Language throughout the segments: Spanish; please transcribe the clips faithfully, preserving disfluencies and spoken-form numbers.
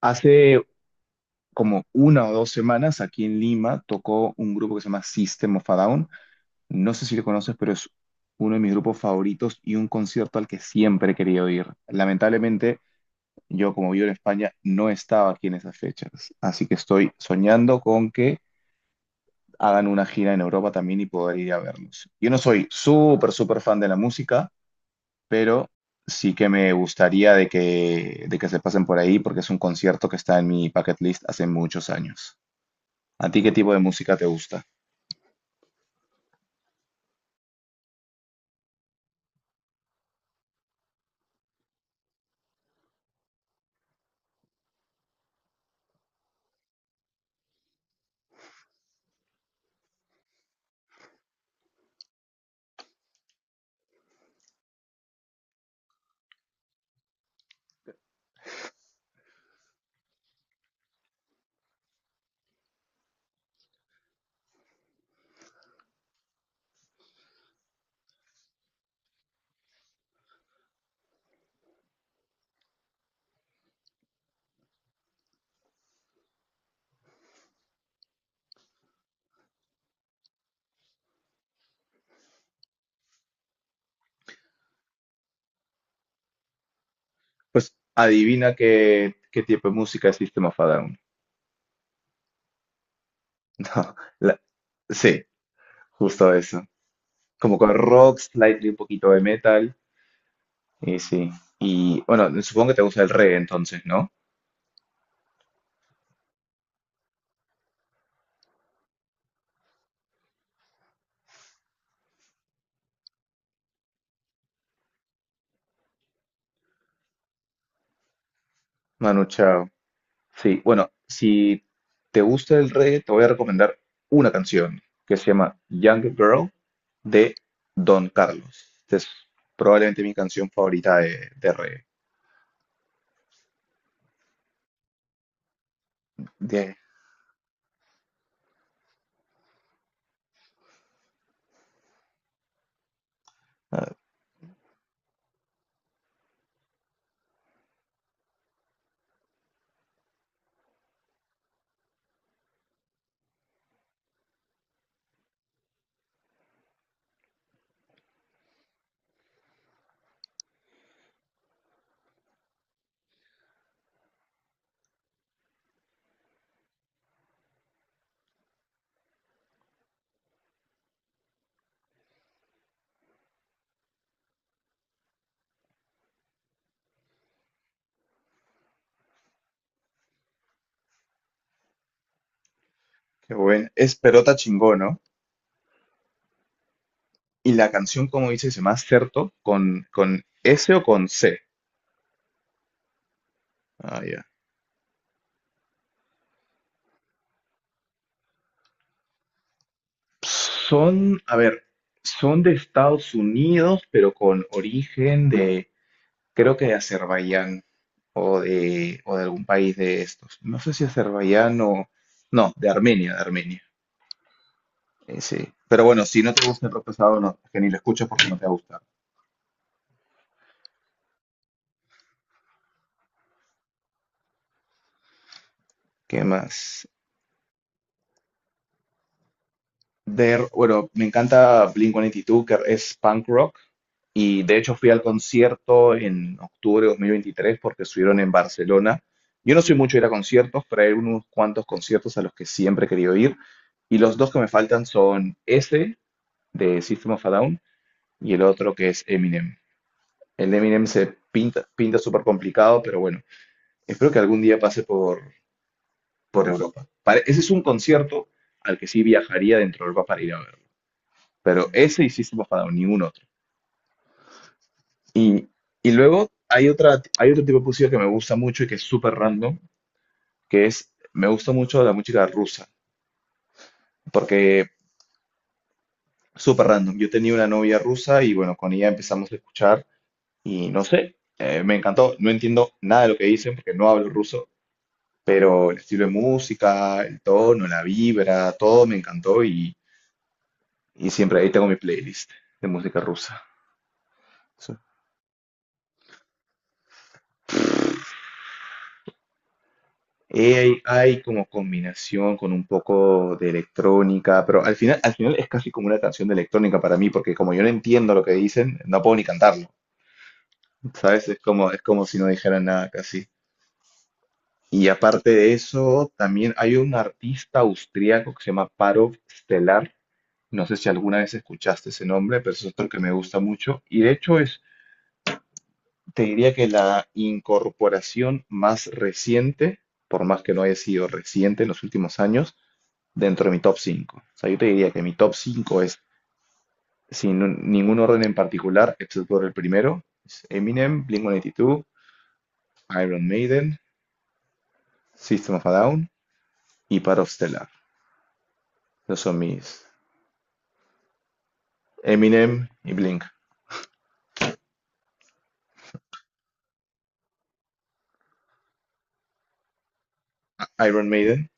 Hace como una o dos semanas aquí en Lima tocó un grupo que se llama System of a Down. No sé si lo conoces, pero es uno de mis grupos favoritos y un concierto al que siempre he querido ir. Lamentablemente, yo como vivo en España no estaba aquí en esas fechas, así que estoy soñando con que hagan una gira en Europa también y poder ir a verlos. Yo no soy súper, súper fan de la música, pero sí que me gustaría de que, de que se pasen por ahí porque es un concierto que está en mi bucket list hace muchos años. ¿A ti qué tipo de música te gusta? Pues adivina qué, qué tipo de música es System of a Down. No, la- Sí, justo eso. Como con rock, slightly un poquito de metal. Y sí. Y bueno, supongo que te gusta el reggae entonces, ¿no? Manu Chao. Sí, bueno, si te gusta el reggae, te voy a recomendar una canción que se llama Young Girl de Don Carlos. Esta es probablemente mi canción favorita de, de reggae. Bien. Qué bueno. Es Perota Chingó, ¿no? Y la canción, como dice, se llama Certo con, con S o con C. Ah, ya. Son, a ver, son de Estados Unidos, pero con origen de, creo que de Azerbaiyán o de, o de algún país de estos. No sé si Azerbaiyán o, no, de Armenia, de Armenia. Eh, sí. Pero bueno, si no te gusta el rock pesado, no, que ni lo escuches porque no te va a gustar. ¿Qué más? De, bueno, me encanta blink ciento ochenta y dos, que es punk rock, y de hecho fui al concierto en octubre de dos mil veintitrés porque estuvieron en Barcelona. Yo no soy mucho de ir a conciertos, pero hay unos cuantos conciertos a los que siempre he querido ir. Y los dos que me faltan son ese de System of a Down y el otro que es Eminem. El de Eminem se pinta, pinta súper complicado, pero bueno, espero que algún día pase por, por Europa. Pare- ese es un concierto al que sí viajaría dentro de Europa para ir a ver pero ese hiciste para ningún otro. Y, y luego hay, otra, hay otro tipo de música que me gusta mucho y que es súper random, que es, me gusta mucho la música rusa, porque súper random. Yo tenía una novia rusa y bueno, con ella empezamos a escuchar y no sé, eh, me encantó. No entiendo nada de lo que dicen porque no hablo ruso, pero el estilo de música, el tono, la vibra, todo me encantó y, y siempre ahí tengo mi playlist de música rusa. Sí. E Hay como combinación con un poco de electrónica, pero al final, al final es casi como una canción de electrónica para mí, porque como yo no entiendo lo que dicen, no puedo ni cantarlo, ¿sabes? Es como, es como si no dijeran nada casi. Y aparte de eso, también hay un artista austriaco que se llama Parov Stelar, no sé si alguna vez escuchaste ese nombre, pero es otro que me gusta mucho. Y de hecho es, te diría que la incorporación más reciente, por más que no haya sido reciente en los últimos años, dentro de mi top cinco. O sea, yo te diría que mi top cinco es, sin un- ningún orden en particular, excepto por el primero, es Eminem, blink ciento ochenta y dos, Iron Maiden, System of a Down y Part of Stellar. Esos son mis Eminem y Blink, Iron Maiden.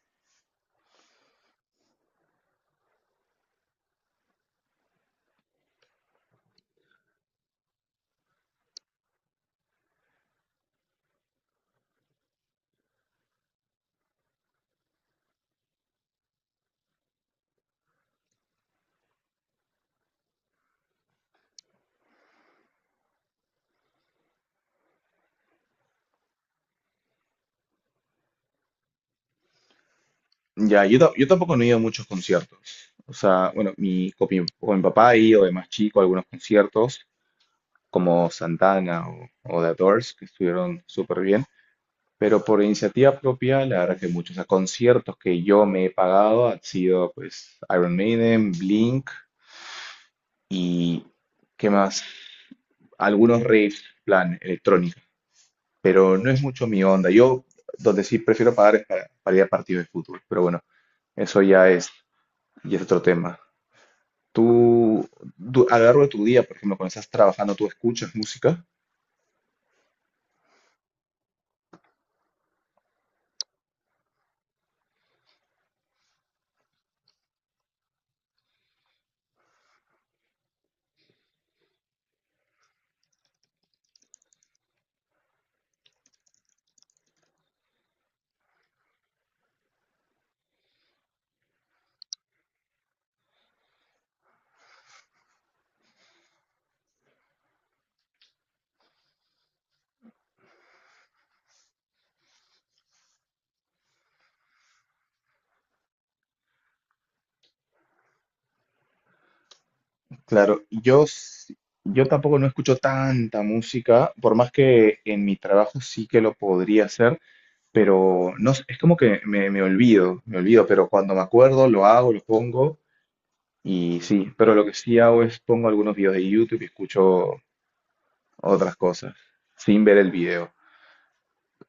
Ya, yo, ta- yo tampoco no he ido a muchos conciertos. O sea, bueno, mi, con mi, con mi papá he ido de más chico a algunos conciertos, como Santana o, o The Doors, que estuvieron súper bien. Pero por iniciativa propia, la verdad que muchos, o sea, conciertos que yo me he pagado han sido pues Iron Maiden, Blink y ¿qué más? Algunos raves, plan electrónica, pero no es mucho mi onda. Yo donde sí prefiero pagar es para, para ir a partidos de fútbol, pero bueno, eso ya es, ya es otro tema. Tú, tú, a lo largo de tu día, por ejemplo, cuando estás trabajando, ¿tú escuchas música? Claro, yo, s- yo tampoco no escucho tanta música, por más que en mi trabajo sí que lo podría hacer, pero no, s- es como que me, me olvido, me olvido, pero cuando me acuerdo lo hago, lo pongo y sí, pero lo que sí hago es pongo algunos videos de YouTube y escucho otras cosas sin ver el video.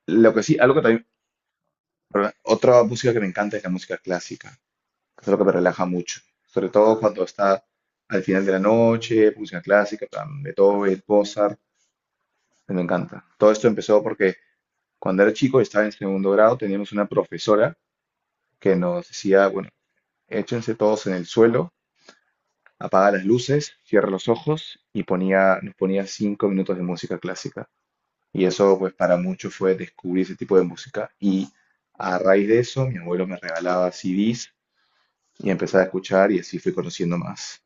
Lo que sí, algo que también, perdón, otra música que me encanta es la música clásica, que es lo que me relaja mucho, sobre todo cuando está al final de la noche, música clásica, en plan, Beethoven, Mozart. Me encanta. Todo esto empezó porque cuando era chico, estaba en segundo grado, teníamos una profesora que nos decía, bueno, échense todos en el suelo, apaga las luces, cierra los ojos y ponía, nos ponía cinco minutos de música clásica. Y eso, pues, para muchos fue descubrir ese tipo de música. Y a raíz de eso, mi abuelo me regalaba C Ds y empezaba a escuchar y así fui conociendo más.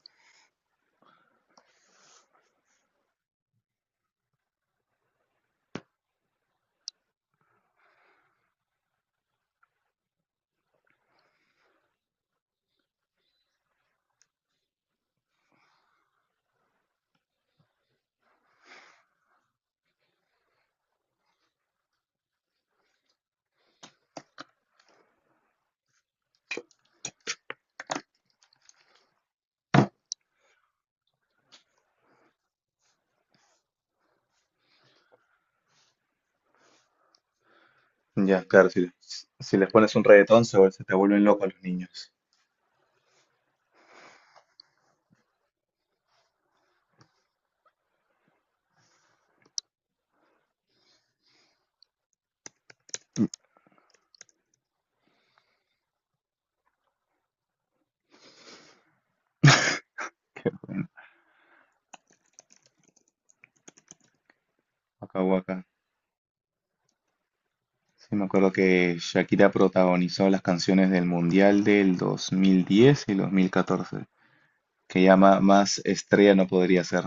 Ya, claro, si, les si les pones un reggaetón, se, vuel- se te vuelven locos los niños. Qué bueno. Acá waka. Sí, me acuerdo que Shakira protagonizó las canciones del Mundial del dos mil diez y dos mil catorce, que ya ma- más estrella no podría ser.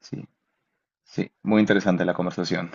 Sí, sí, muy interesante la conversación.